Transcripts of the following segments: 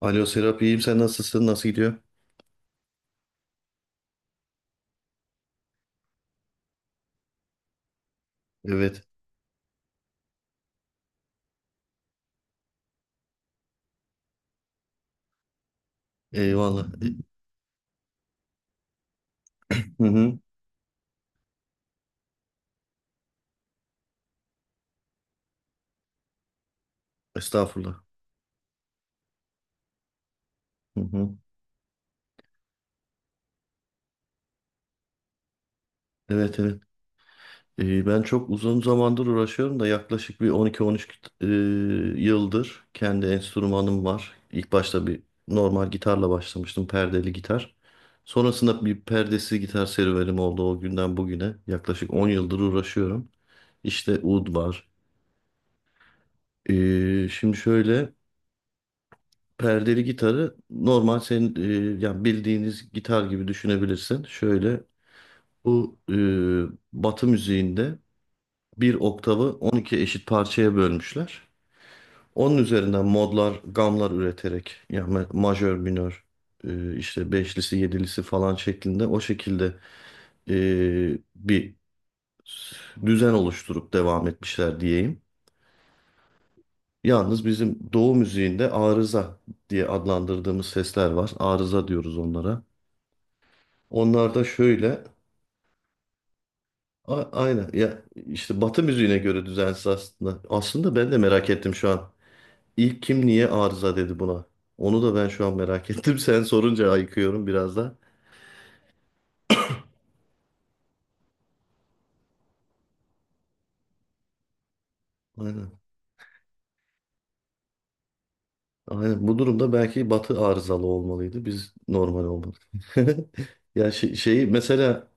Alo Serap, iyiyim, sen nasılsın, nasıl gidiyor? Evet. Eyvallah. Hı hı. Estağfurullah. Hı hı. Evet, evet. Ben çok uzun zamandır uğraşıyorum da yaklaşık bir 12-13 e, yıldır kendi enstrümanım var. İlk başta bir normal gitarla başlamıştım, perdeli gitar. Sonrasında bir perdesiz gitar serüvenim oldu o günden bugüne. Yaklaşık 10 yıldır uğraşıyorum. İşte ud var. Şimdi şöyle, perdeli gitarı normal senin yani bildiğiniz gitar gibi düşünebilirsin. Şöyle bu Batı müziğinde bir oktavı 12 eşit parçaya bölmüşler. Onun üzerinden modlar, gamlar üreterek, yani majör, minör, işte beşlisi, yedilisi falan şeklinde, o şekilde bir düzen oluşturup devam etmişler diyeyim. Yalnız bizim Doğu müziğinde arıza diye adlandırdığımız sesler var. Arıza diyoruz onlara. Onlar da şöyle, aynen ya, işte Batı müziğine göre düzensiz aslında. Aslında ben de merak ettim şu an. İlk kim niye arıza dedi buna? Onu da ben şu an merak ettim. Sen sorunca ayıkıyorum biraz da. Aynen. Aynen. Bu durumda belki Batı arızalı olmalıydı, biz normal olmalıydık. Ya şey, şeyi mesela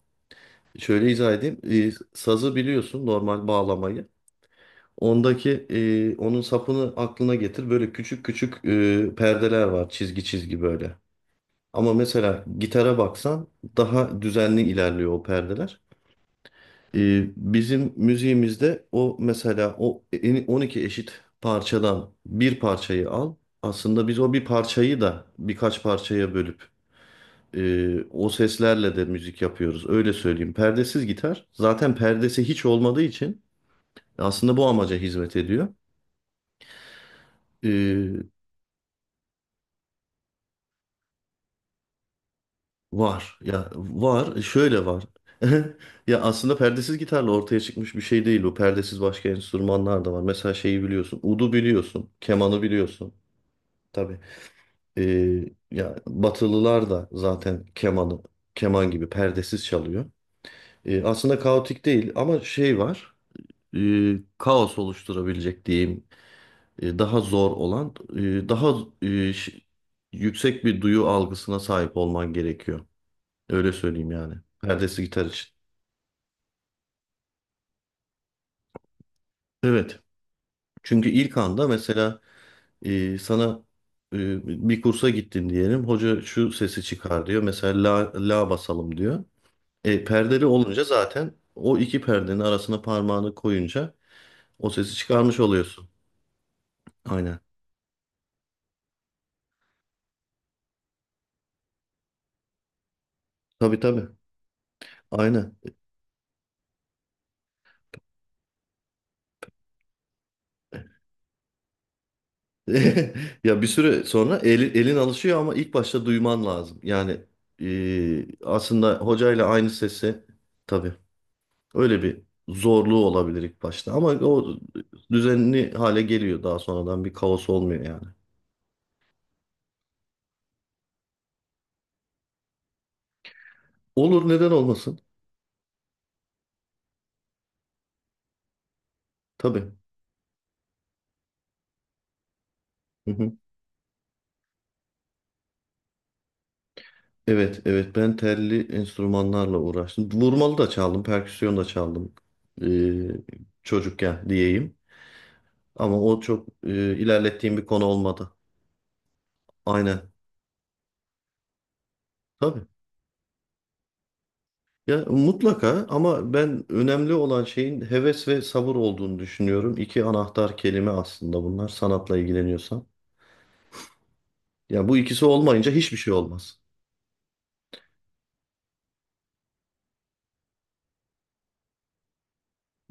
şöyle izah edeyim. Sazı biliyorsun, normal bağlamayı. Ondaki onun sapını aklına getir. Böyle küçük küçük perdeler var, çizgi çizgi böyle. Ama mesela gitara baksan daha düzenli ilerliyor o perdeler. Bizim müziğimizde o, mesela o 12 eşit parçadan bir parçayı al. Aslında biz o bir parçayı da birkaç parçaya bölüp o seslerle de müzik yapıyoruz. Öyle söyleyeyim. Perdesiz gitar zaten perdesi hiç olmadığı için aslında bu amaca hizmet ediyor. Ee, Var ya, var. E, şöyle var. Ya aslında perdesiz gitarla ortaya çıkmış bir şey değil o. Perdesiz başka enstrümanlar da var. Mesela şeyi biliyorsun. Udu biliyorsun. Kemanı biliyorsun. Tabii. Ee, Ya Batılılar da zaten kemanı keman gibi perdesiz çalıyor. Aslında kaotik değil ama şey var. Kaos oluşturabilecek diyeyim. Daha zor olan, daha ee, ş- yüksek bir duyu algısına sahip olman gerekiyor. Öyle söyleyeyim yani. Perdesi gitar için. Evet. Çünkü ilk anda mesela sana bir kursa gittin diyelim. Hoca şu sesi çıkar diyor. Mesela la, la basalım diyor. E, perdeli olunca zaten o iki perdenin arasına parmağını koyunca o sesi çıkarmış oluyorsun. Aynen. Tabii, tabii. Aynen. Ya bir süre sonra elin alışıyor ama ilk başta duyman lazım. Yani aslında hocayla aynı sesi, tabii. Öyle bir zorluğu olabilir ilk başta, ama o düzenli hale geliyor daha sonradan, bir kaos olmuyor yani. Olur, neden olmasın? Tabii. Hı hı. Evet, evet, ben telli enstrümanlarla uğraştım. Vurmalı da çaldım, perküsyon da çaldım, ee, çocukken diyeyim. Ama o çok ilerlettiğim bir konu olmadı. Aynen. Tabii. Ya mutlaka, ama ben önemli olan şeyin heves ve sabır olduğunu düşünüyorum. İki anahtar kelime aslında bunlar, sanatla ilgileniyorsan. Yani bu ikisi olmayınca hiçbir şey olmaz.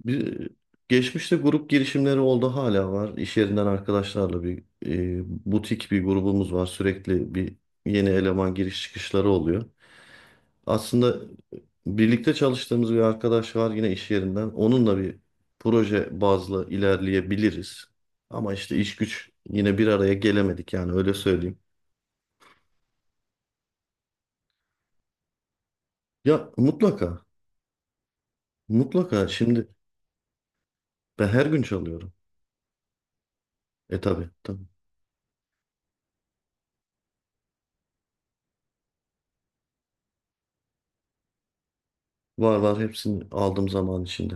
Bir, geçmişte grup girişimleri oldu, hala var. İş yerinden arkadaşlarla bir butik bir grubumuz var. Sürekli bir yeni eleman giriş çıkışları oluyor. Aslında birlikte çalıştığımız bir arkadaş var yine iş yerinden. Onunla bir proje bazlı ilerleyebiliriz. Ama işte iş güç, yine bir araya gelemedik yani, öyle söyleyeyim. Ya mutlaka şimdi ben her gün çalıyorum. E tabii. Var var, hepsini aldım zaman içinde.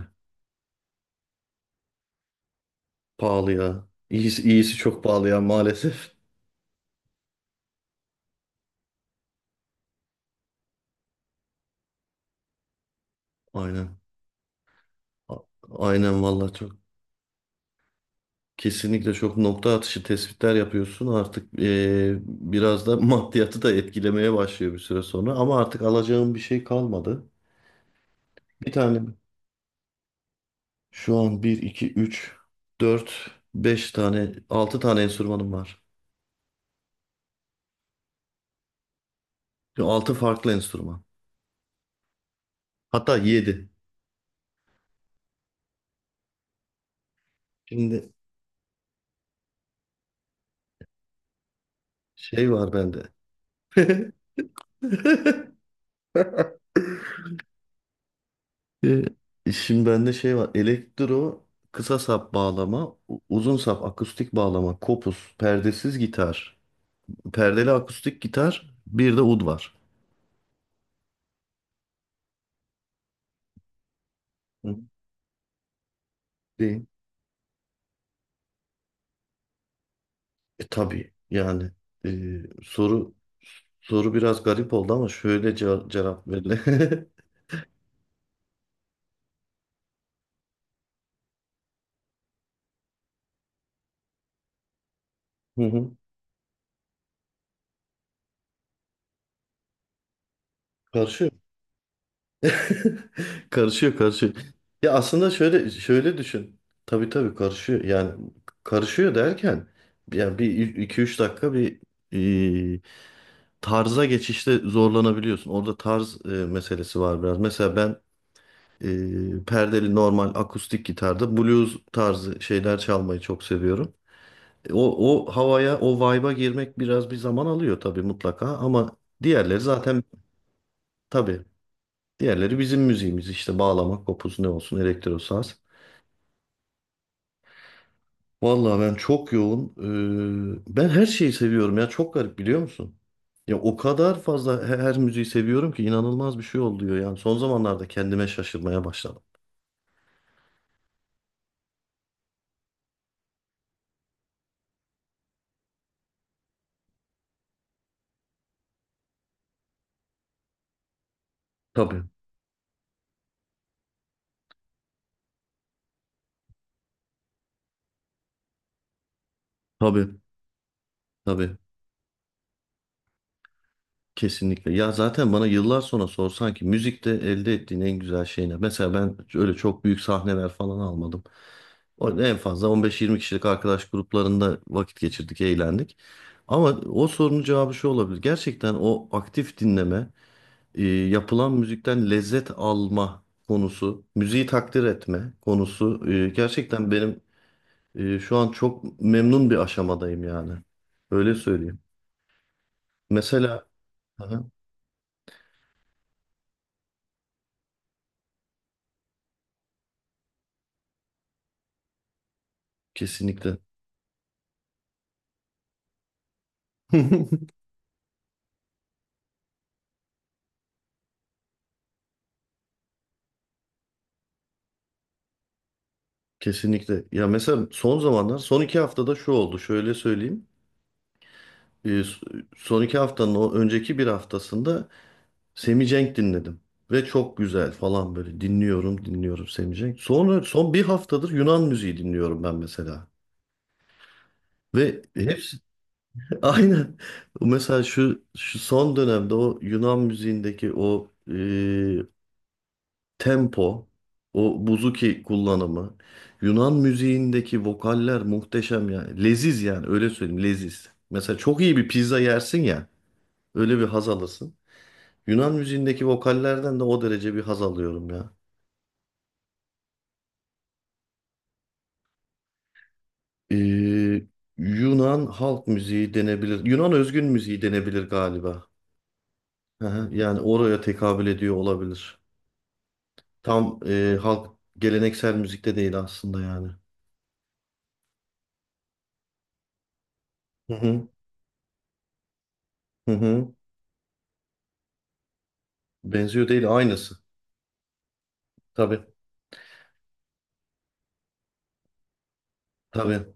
Pahalı ya. İyisi çok pahalı ya maalesef. Aynen. A- Aynen vallahi, çok. Kesinlikle çok nokta atışı tespitler yapıyorsun. Artık biraz da maddiyatı da etkilemeye başlıyor bir süre sonra. Ama artık alacağım bir şey kalmadı. Bir tane, şu an bir 2 3 4 5 tane, altı tane enstrümanım var. 6 farklı enstrüman. Hatta yedi. Şimdi şey var bende. E, şimdi bende şey var. Elektro, kısa sap bağlama, uzun sap akustik bağlama, kopuz, perdesiz gitar, perdeli akustik gitar, bir de ud var. Hı. Değil. E, tabii yani, e, soru soru biraz garip oldu ama şöyle cevap verilir. Hı hı. Karşı Karışıyor, karışıyor. Ya aslında şöyle düşün. Tabii tabii, karışıyor. Yani karışıyor derken yani bir iki üç dakika bir e, tarza geçişte zorlanabiliyorsun. Orada tarz meselesi var biraz. Mesela ben perdeli normal akustik gitarda blues tarzı şeyler çalmayı çok seviyorum. E, o, o havaya, o vibe'a girmek biraz bir zaman alıyor tabii, mutlaka, ama diğerleri zaten, tabii. Diğerleri bizim müziğimiz işte: bağlama, kopuz ne olsun, elektro saz. Vallahi ben çok yoğun. Ben her şeyi seviyorum ya, çok garip, biliyor musun? Ya o kadar fazla her müziği seviyorum ki inanılmaz bir şey oluyor yani. Son zamanlarda kendime şaşırmaya başladım. Tabii, tabii, tabii. Kesinlikle. Ya zaten bana yıllar sonra sorsan ki müzikte elde ettiğin en güzel şey ne? Mesela ben öyle çok büyük sahneler falan almadım. En fazla 15-20 kişilik arkadaş gruplarında vakit geçirdik, eğlendik. Ama o sorunun cevabı şu olabilir. Gerçekten o aktif dinleme, yapılan müzikten lezzet alma konusu, müziği takdir etme konusu, gerçekten benim şu an çok memnun bir aşamadayım yani. Öyle söyleyeyim. Mesela, aha, kesinlikle. Kesinlikle. Ya mesela son zamanlar, son iki haftada şu oldu. Şöyle söyleyeyim. Ee, s- Son iki haftanın o önceki bir haftasında Semih Cenk dinledim. Ve çok güzel falan böyle, dinliyorum, dinliyorum Semih Cenk. Sonra son bir haftadır Yunan müziği dinliyorum ben mesela. Ve hepsi aynen. Mesela şu son dönemde o Yunan müziğindeki o tempo, o buzuki kullanımı, Yunan müziğindeki vokaller muhteşem yani. Leziz yani, öyle söyleyeyim, leziz. Mesela çok iyi bir pizza yersin ya, öyle bir haz alırsın. Yunan müziğindeki vokallerden de o derece bir haz alıyorum ya. Ee, Yunan halk müziği denebilir. Yunan özgün müziği denebilir galiba. Hı hı, yani oraya tekabül ediyor olabilir. Tam halk, geleneksel müzikte değil aslında yani. Hı hı, hı hı. Benziyor değil, aynısı. Tabii. Tabii.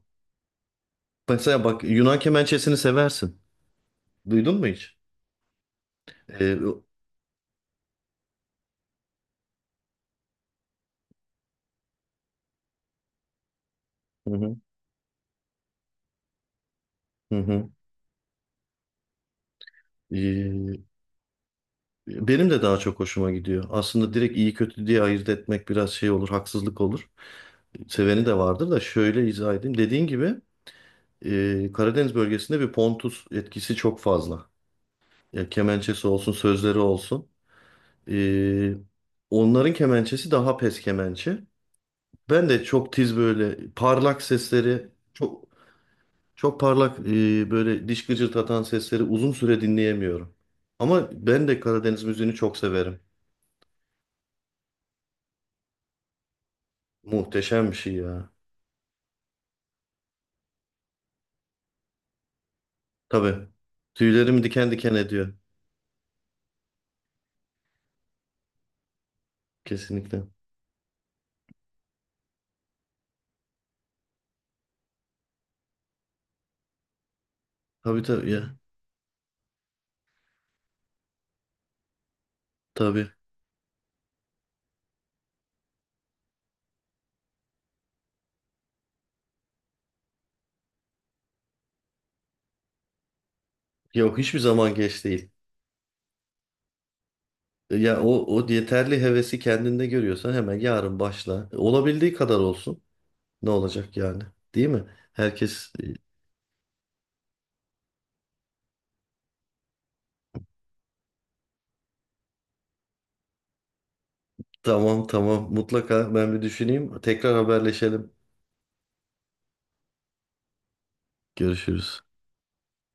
Mesela bak, Yunan kemençesini seversin. Duydun mu hiç? Ee, o- hı hı, hı hı. Ee, benim de daha çok hoşuma gidiyor. Aslında direkt iyi kötü diye ayırt etmek biraz şey olur, haksızlık olur. Seveni de vardır da şöyle izah edeyim. Dediğin gibi Karadeniz bölgesinde bir Pontus etkisi çok fazla. Ya, kemençesi olsun, sözleri olsun. Ee, onların kemençesi daha pes kemençe. Ben de çok tiz böyle parlak sesleri çok. Çok parlak böyle diş gıcırtatan sesleri uzun süre dinleyemiyorum. Ama ben de Karadeniz müziğini çok severim. Muhteşem bir şey ya. Tabii. Tüylerimi diken diken ediyor. Kesinlikle. Tabii tabii ya. Tabii. Yok, hiçbir zaman geç değil. Ya o, o yeterli hevesi kendinde görüyorsan hemen yarın başla. Olabildiği kadar olsun. Ne olacak yani? Değil mi? Herkes tamam tamam, mutlaka ben bir düşüneyim. Tekrar haberleşelim. Görüşürüz.